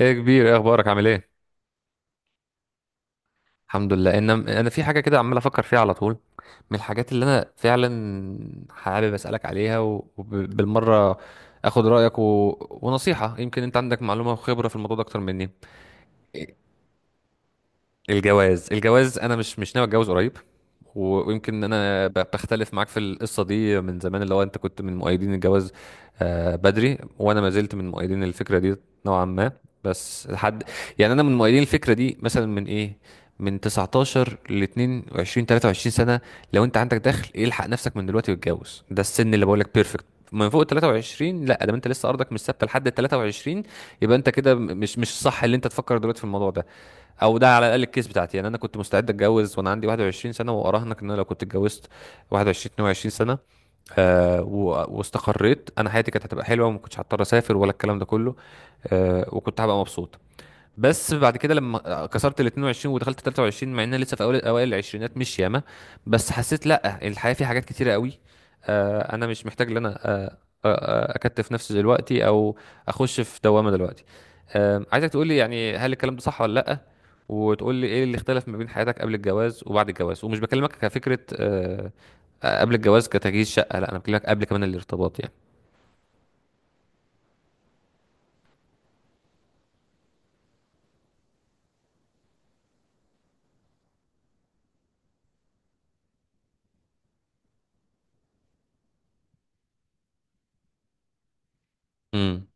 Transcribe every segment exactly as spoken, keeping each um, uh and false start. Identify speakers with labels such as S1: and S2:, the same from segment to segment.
S1: ايه يا كبير، ايه اخبارك؟ عامل ايه؟ الحمد لله، ان انا في حاجه كده عمال افكر فيها على طول. من الحاجات اللي انا فعلا حابب اسالك عليها وبالمره اخد رايك و... ونصيحه، يمكن انت عندك معلومه وخبره في الموضوع ده اكتر مني. الجواز، الجواز، انا مش مش ناوي اتجوز قريب. و- ويمكن انا ب- بختلف معاك في القصه دي من زمان، اللي هو انت كنت من مؤيدين الجواز. آه، بدري. وانا ما زلت من مؤيدين الفكره دي نوعا ما، بس لحد. يعني انا من مؤيدين الفكره دي مثلا من ايه، من تسعتاشر ل اتنين وعشرين تلاتة وعشرين سنه. لو انت عندك دخل الحق نفسك من دلوقتي واتجوز، ده السن اللي بقول لك بيرفكت. من فوق ال تلاتة وعشرين لا، ده انت لسه ارضك مش ثابته لحد ال تلاتة وعشرين. يبقى انت كده م- مش مش الصح اللي انت تفكر دلوقتي في الموضوع ده. او ده على الاقل الكيس بتاعتي. يعني انا كنت مستعد اتجوز وانا عندي واحد وعشرين سنه، واراهنك ان انا لو كنت اتجوزت واحد وعشرين اتنين وعشرين سنه، آه و- واستقريت، انا حياتي كانت هتبقى حلوه وما كنتش هضطر اسافر ولا الكلام ده كله. آه وكنت هبقى مبسوط. بس بعد كده لما كسرت ال اتنين وعشرين ودخلت تلاتة وعشرين، مع ان أنا لسه في اول اوائل العشرينات مش ياما، بس حسيت لا، الحياه فيها حاجات كتيره قوي. آه، انا مش محتاج ان انا آه، آه، آه، اكتف نفسي دلوقتي، او اخش في دوامه دلوقتي. آه، عايزك تقول لي، يعني هل الكلام ده صح ولا لا؟ وتقول لي ايه اللي اختلف ما بين حياتك قبل الجواز وبعد الجواز، ومش بكلمك كفكره آه، آه، قبل الجواز كتجهيز شقه، لا، انا بكلمك قبل كمان الارتباط يعني. امم.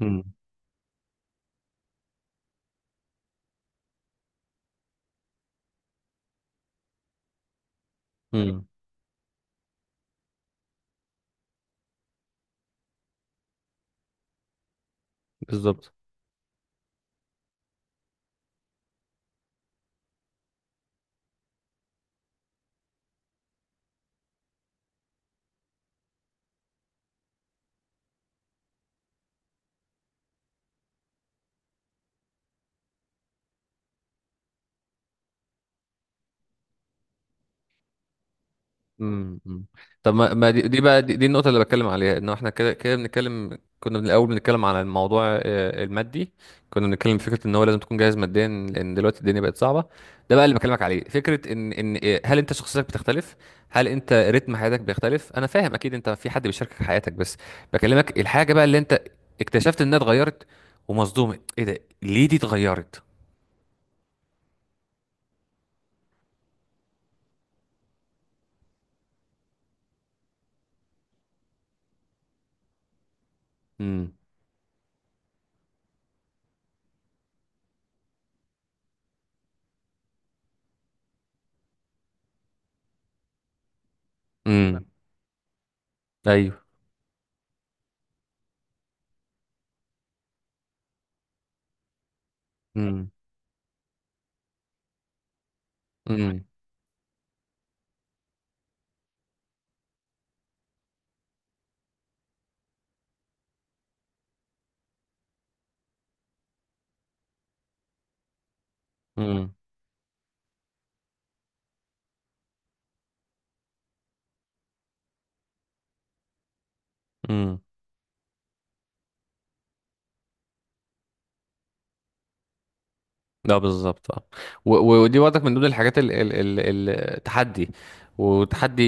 S1: مم. امم. بالظبط. امم. أمم. طب، ما ما دي, دي بقى دي, دي النقطة اللي بتكلم عليها، انه احنا كده كده بنتكلم، كنا من الاول بنتكلم على الموضوع آه، المادي. كنا بنتكلم في فكرة ان هو لازم تكون جاهز ماديا، لان دلوقتي الدنيا بقت صعبة. ده بقى اللي بكلمك عليه، فكرة ان ان آه، هل انت شخصيتك بتختلف؟ هل انت رتم حياتك بيختلف؟ انا فاهم اكيد انت في حد بيشاركك حياتك، بس بكلمك الحاجة بقى اللي انت اكتشفت انها اتغيرت ومصدوم ايه ده، ليه دي اتغيرت. امم. امم. ايوه. امم. امم. امم. ده بالظبط، اه. و- و- ودي برضك من ضمن الحاجات ال ال ال التحدي. وتحدي،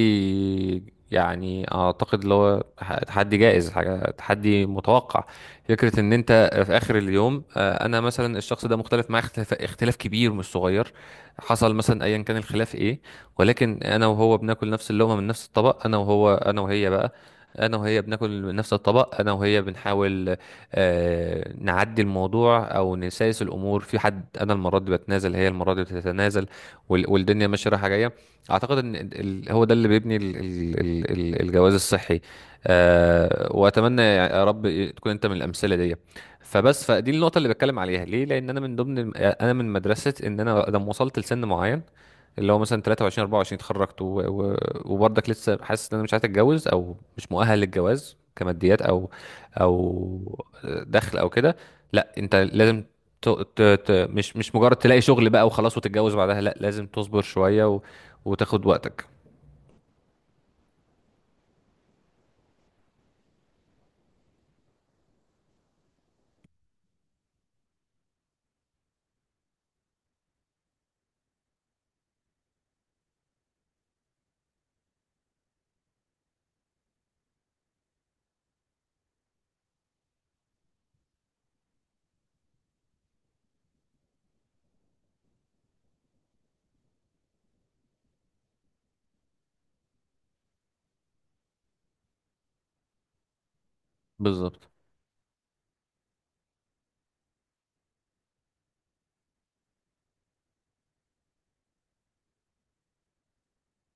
S1: يعني اعتقد اللي هو ح- تحدي جائز، حاجه تحدي متوقع. فكره ان انت في اخر اليوم، آه، انا مثلا الشخص ده مختلف معاه اختلاف, اختلاف كبير مش صغير. حصل مثلا ايا كان الخلاف ايه، ولكن انا وهو بناكل نفس اللقمه من نفس الطبق، انا وهو انا وهي بقى. انا وهي بناكل من نفس الطبق، انا وهي بنحاول آه، نعدي الموضوع او نسايس الامور، في حد. انا المره دي بتنازل، هي المره دي بتتنازل. وال- والدنيا ماشيه رايحه جايه. اعتقد ان ال- هو ده اللي بيبني ال- ال- ال- ال- الجواز الصحي. آه، واتمنى يا رب تكون انت من الامثله دي. فبس، فدي النقطه اللي بتكلم عليها ليه، لان انا من ضمن انا من مدرسه ان انا لما وصلت لسن معين، اللي هو مثلا تلاتة وعشرين اربعة وعشرين، اتخرجت و... و... وبرضك لسه حاسس ان انا مش عايز اتجوز، او مش مؤهل للجواز كماديات، او او دخل او كده. لا، انت لازم ت... ت... ت... مش مش مجرد تلاقي شغل بقى وخلاص وتتجوز بعدها، لا، لازم تصبر شوية و... وتاخد وقتك. بالظبط.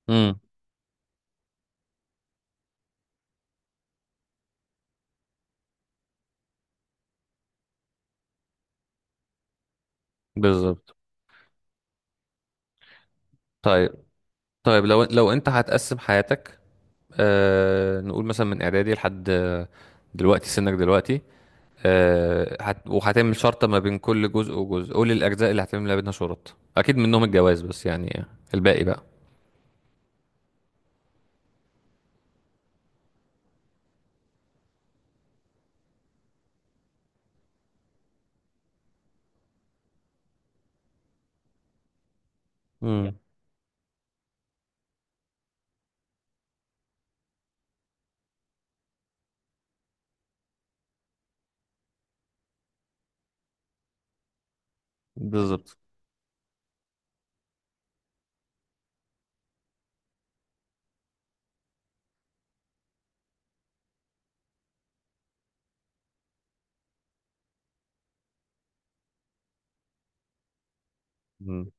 S1: امم. بالظبط. طيب، طيب، لو لو انت هتقسم حياتك، آه... نقول مثلا من اعدادي لحد آه، دلوقتي، سنك دلوقتي. آه... هت... وهتعمل شرطة ما بين كل جزء وجزء. قول الاجزاء اللي هتعمل ما بينها شروط، اكيد منهم الجواز بس يعني الباقي بقى. امم. بالظبط. امم.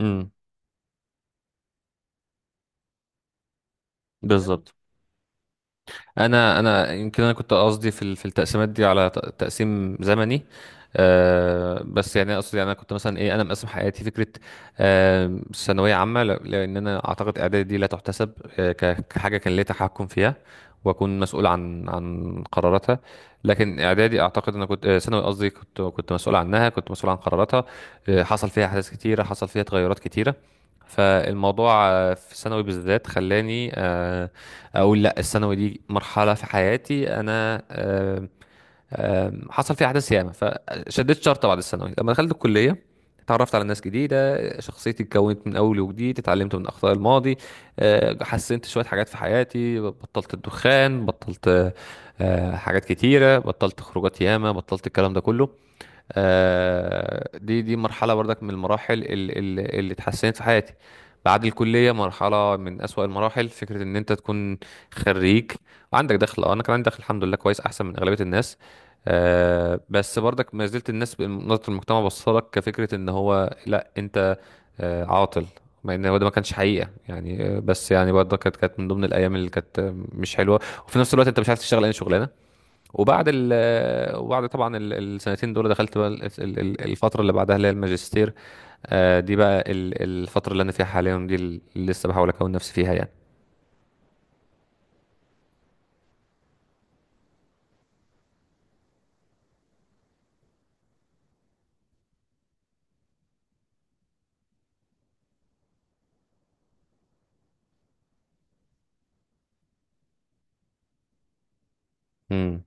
S1: امم. بالظبط. انا انا يمكن انا كنت قصدي في ال- في التقسيمات دي على ت- تقسيم زمني. أه بس يعني اقصد، يعني انا كنت مثلا ايه، انا مقسم حياتي فكره آه، ثانويه عامه، ل- لان انا اعتقد اعدادي دي لا تحتسب آه، ك- كحاجه كان ليا تحكم فيها، واكون مسؤول عن عن قراراتها. لكن اعدادي، اعتقد انا كنت آه، ثانوي قصدي، كنت كنت مسؤول عنها، كنت مسؤول عن قراراتها. آه، حصل فيها احداث كتيره، حصل فيها تغيرات كتيره. فالموضوع آه، في ثانوي بالذات خلاني آه اقول لا، الثانوي دي مرحله في حياتي انا. آم، آم، حصل فيها احداث ياما. فشديت شرطه بعد الثانوي لما دخلت الكليه، اتعرفت على ناس جديده، شخصيتي اتكونت من اول وجديد، اتعلمت من اخطاء الماضي. آه، حسنت شويه حاجات في حياتي، بطلت الدخان، بطلت آه، حاجات كتيره، بطلت خروجات ياما، بطلت الكلام ده كله. آه، دي دي مرحلة برضك من المراحل ال- ال- اللي اتحسنت في حياتي. بعد الكلية، مرحلة من أسوأ المراحل. فكرة إن أنت تكون خريج وعندك دخل، أه أنا كان عندي دخل الحمد لله كويس، أحسن من أغلبية الناس. آه بس برضك ما زلت الناس نظرة المجتمع بصلك كفكرة إن هو لأ، أنت آه عاطل. مع إن هو ده ما كانش حقيقة يعني. آه، بس يعني برضك كانت كانت من ضمن الأيام اللي كانت آه، مش حلوة. وفي نفس الوقت أنت مش عارف تشتغل أي شغلانة. وبعد ال آه، وبعد طبعا ال- السنتين دول دخلت بقى ال- ال- ال- الفترة اللي بعدها اللي هي الماجستير. آه، دي بقى ال- الفترة اللي أنا فيها حاليا دي، اللي لسه بحاول أكون نفسي فيها يعني. امم.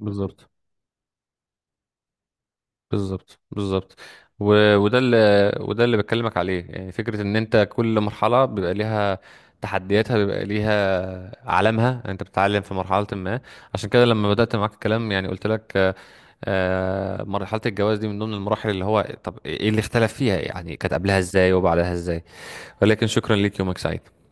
S1: بالظبط. بالظبط. بالظبط. و... وده اللي وده اللي بكلمك عليه، يعني فكرة إن أنت كل مرحلة بيبقى ليها تحدياتها، بيبقى ليها عالمها، أنت بتتعلم في مرحلة ما. عشان كده لما بدأت معاك الكلام يعني قلت لك آه، مرحلة الجواز دي من ضمن المراحل، اللي هو طب ايه اللي اختلف فيها؟ يعني كانت قبلها ازاي وبعدها ازاي؟ ولكن شكرا ليك، يومك سعيد.